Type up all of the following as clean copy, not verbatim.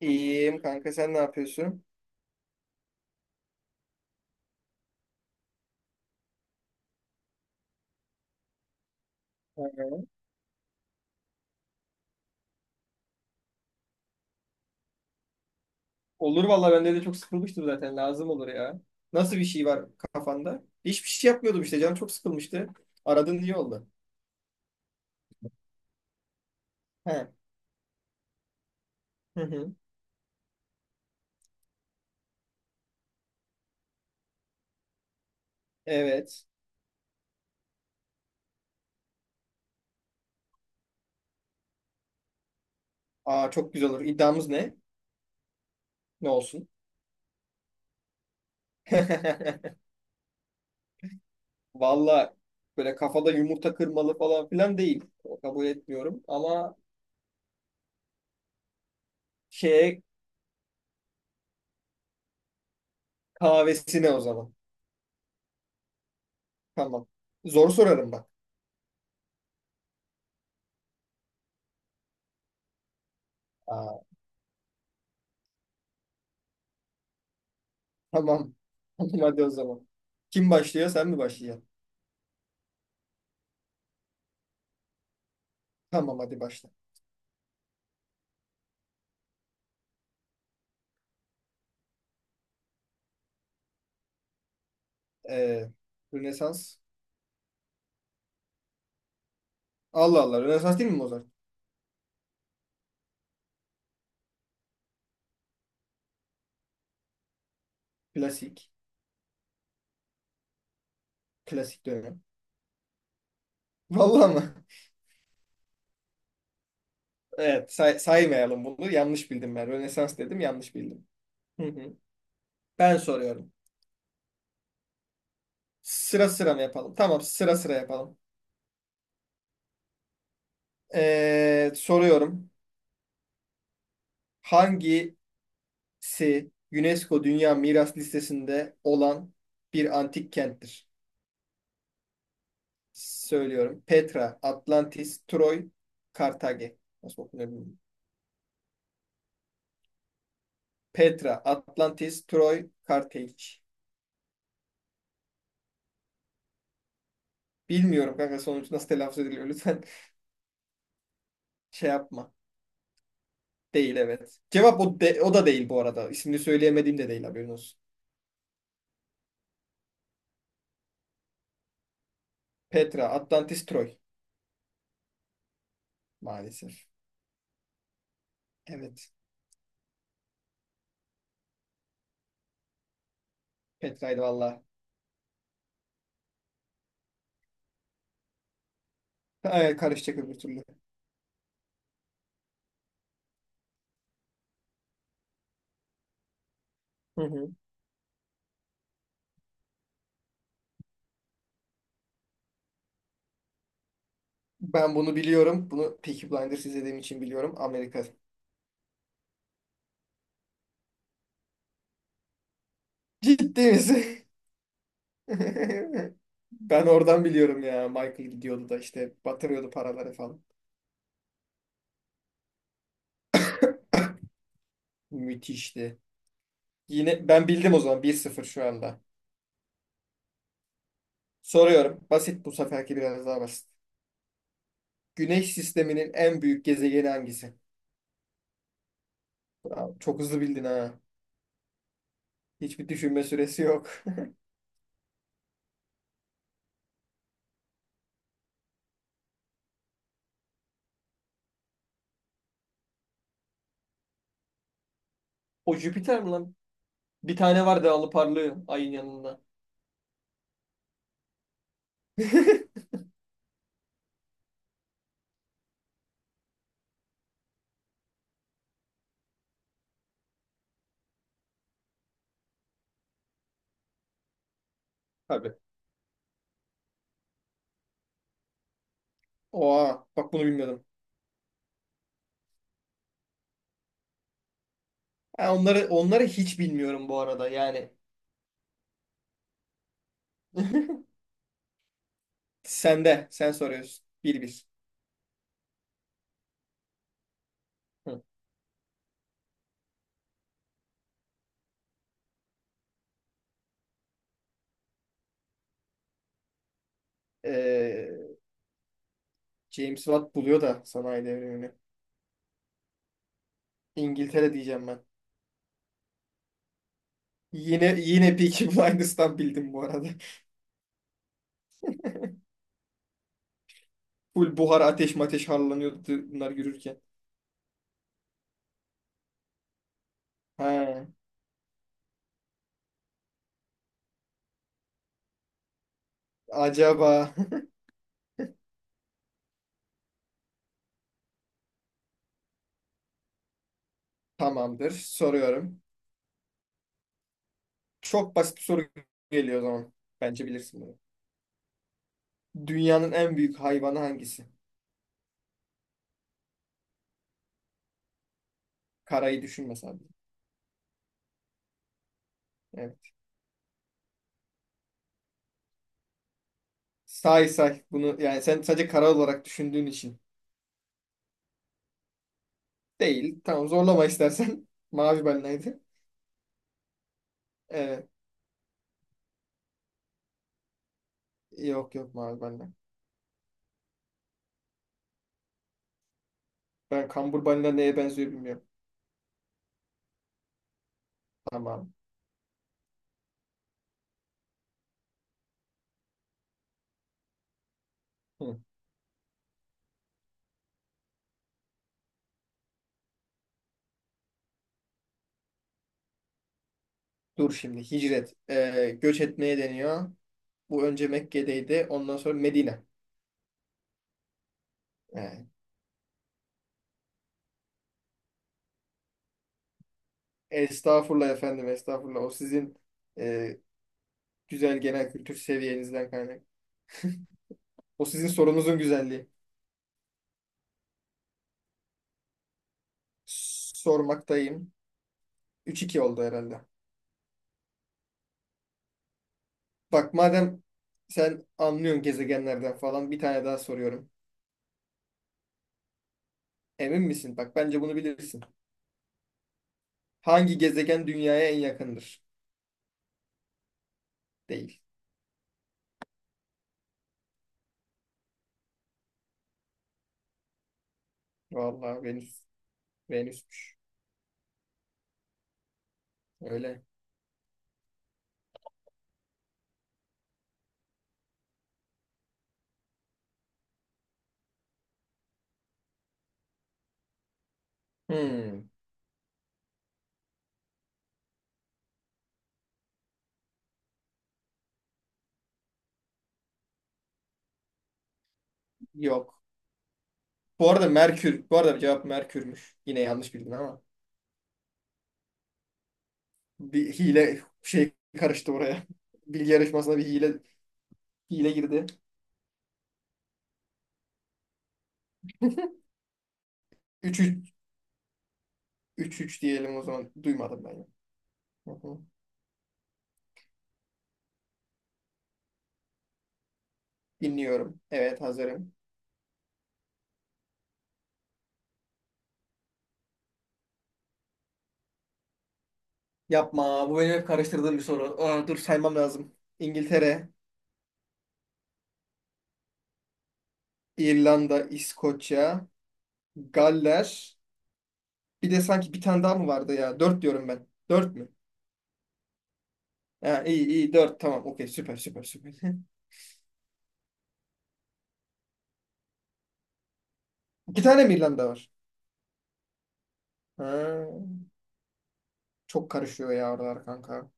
İyiyim kanka, sen ne yapıyorsun? Olur valla, bende de çok sıkılmıştım zaten, lazım olur ya. Nasıl bir şey var kafanda? Hiçbir şey yapmıyordum işte, canım çok sıkılmıştı. Aradın iyi oldu. He. Hı hı. Evet. Aa, çok güzel olur. İddiamız ne? Ne olsun? Valla böyle kafada yumurta kırmalı falan filan değil. O kabul etmiyorum ama şey, kahvesine o zaman. Tamam. Zor sorarım bak. Aa, tamam. Tamam hadi o zaman. Kim başlıyor, sen mi başlayacaksın? Tamam hadi başla. Ee, Rönesans. Allah Allah. Rönesans değil mi Mozart? Klasik. Klasik dönem. Vallahi mı? Evet. Saymayalım bunu. Yanlış bildim ben. Rönesans dedim. Yanlış bildim. Hı hı. Ben soruyorum. Sıra sıra mı yapalım? Tamam. Sıra sıra yapalım. Soruyorum. Hangisi UNESCO Dünya Miras Listesi'nde olan bir antik kenttir? Söylüyorum. Petra, Atlantis, Troy, Kartage. Nasıl okunuyor bilmiyorum. Petra, Atlantis, Troy, Kartage. Bilmiyorum kanka, sonuç nasıl telaffuz ediliyor. Lütfen şey yapma. Değil, evet. Cevap o, o da değil bu arada. İsmini söyleyemediğim de değil, haberin olsun. Petra, Atlantis, Troy. Maalesef. Evet. Petra'ydı valla. Ay, karışacak öbür türlü. Hı hı. Ben bunu biliyorum. Bunu Peaky Blinders izlediğim için biliyorum. Amerika. Ciddi misin? Ben oradan biliyorum ya. Michael gidiyordu da işte, batırıyordu paraları falan. Müthişti. Yine ben bildim o zaman, bir sıfır şu anda. Soruyorum. Basit, bu seferki biraz daha basit. Güneş sisteminin en büyük gezegeni hangisi? Bravo, çok hızlı bildin ha. Hiçbir düşünme süresi yok. O Jüpiter mi lan? Bir tane var devamlı parlıyor ayın yanında. Tabii. Oha bak, bunu bilmiyordum. Ha, onları hiç bilmiyorum bu arada yani. Sen de, sen soruyorsun. Bir bir. Hı. Ee, James Watt buluyor da sanayi devrimini. İngiltere diyeceğim ben. Yine yine Peaky Blinders'tan bildim bu arada. Full buhar ateş mateş harlanıyordu bunlar yürürken. Ha, acaba. Tamamdır. Soruyorum. Çok basit bir soru geliyor o zaman. Bence bilirsin bunu. Dünyanın en büyük hayvanı hangisi? Karayı düşünme sadece. Evet. Say say. Bunu yani, sen sadece kara olarak düşündüğün için. Değil. Tamam, zorlama istersen. Mavi balinaydı. Evet. Yok yok, mavi balina. Ben kambur balina neye benziyor bilmiyorum. Tamam. Hı. Dur şimdi. Hicret. Göç etmeye deniyor. Bu önce Mekke'deydi. Ondan sonra Medine. Yani, estağfurullah efendim, estağfurullah. O sizin e, güzel genel kültür seviyenizden kaynak. O sizin sorunuzun güzelliği. Sormaktayım. Üç iki oldu herhalde. Bak madem sen anlıyorsun gezegenlerden falan, bir tane daha soruyorum. Emin misin? Bak bence bunu bilirsin. Hangi gezegen dünyaya en yakındır? Değil. Vallahi Venüs. Venüsmüş. Öyle. Hmm, yok. Bu arada Merkür. Bu arada cevap Merkür'müş. Yine yanlış bildin ama. Bir hile şey karıştı oraya. Bilgi yarışmasına bir hile girdi. Üç üç, üç 3 diyelim o zaman. Duymadım ben. Hı hı. Dinliyorum. Evet hazırım. Yapma. Bu benim hep karıştırdığım bir soru. Aa, dur saymam lazım. İngiltere, İrlanda, İskoçya, Galler. Bir de sanki bir tane daha mı vardı ya? Dört diyorum ben. Dört mü? Ha, iyi iyi, 4 tamam. Okey, süper süper süper. İki tane mi İrlanda var? Ha, çok karışıyor ya oralar kanka.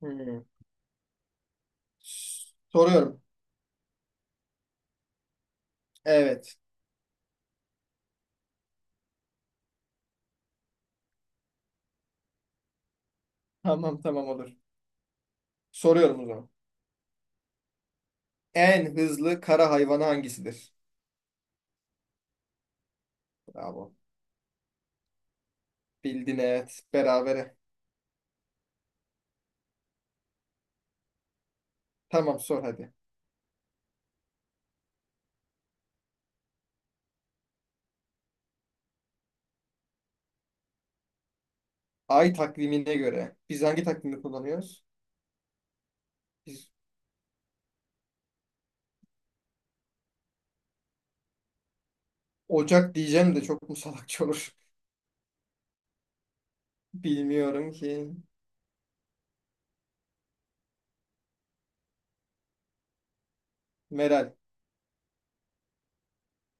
Hmm. Soruyorum. Evet. Tamam tamam, olur. Soruyorum o zaman. En hızlı kara hayvanı hangisidir? Bravo. Bildin, evet. Berabere. Tamam sor hadi. Ay takvimine göre. Biz hangi takvimi kullanıyoruz? Biz, Ocak diyeceğim de çok mu salakça olur? Bilmiyorum ki. Meral.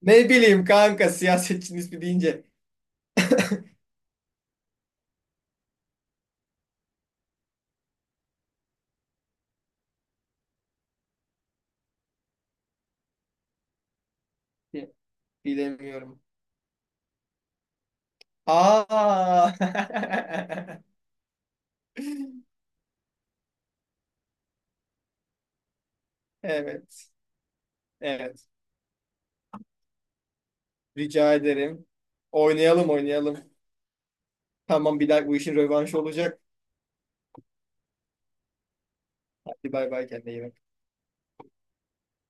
Ne bileyim kanka, siyasetçinin ismi deyince. Bilemiyorum. Aa. Evet. Evet. Rica ederim. Oynayalım oynayalım. Tamam, bir daha bu işin rövanşı olacak. Hadi bay bay, kendine iyi bak.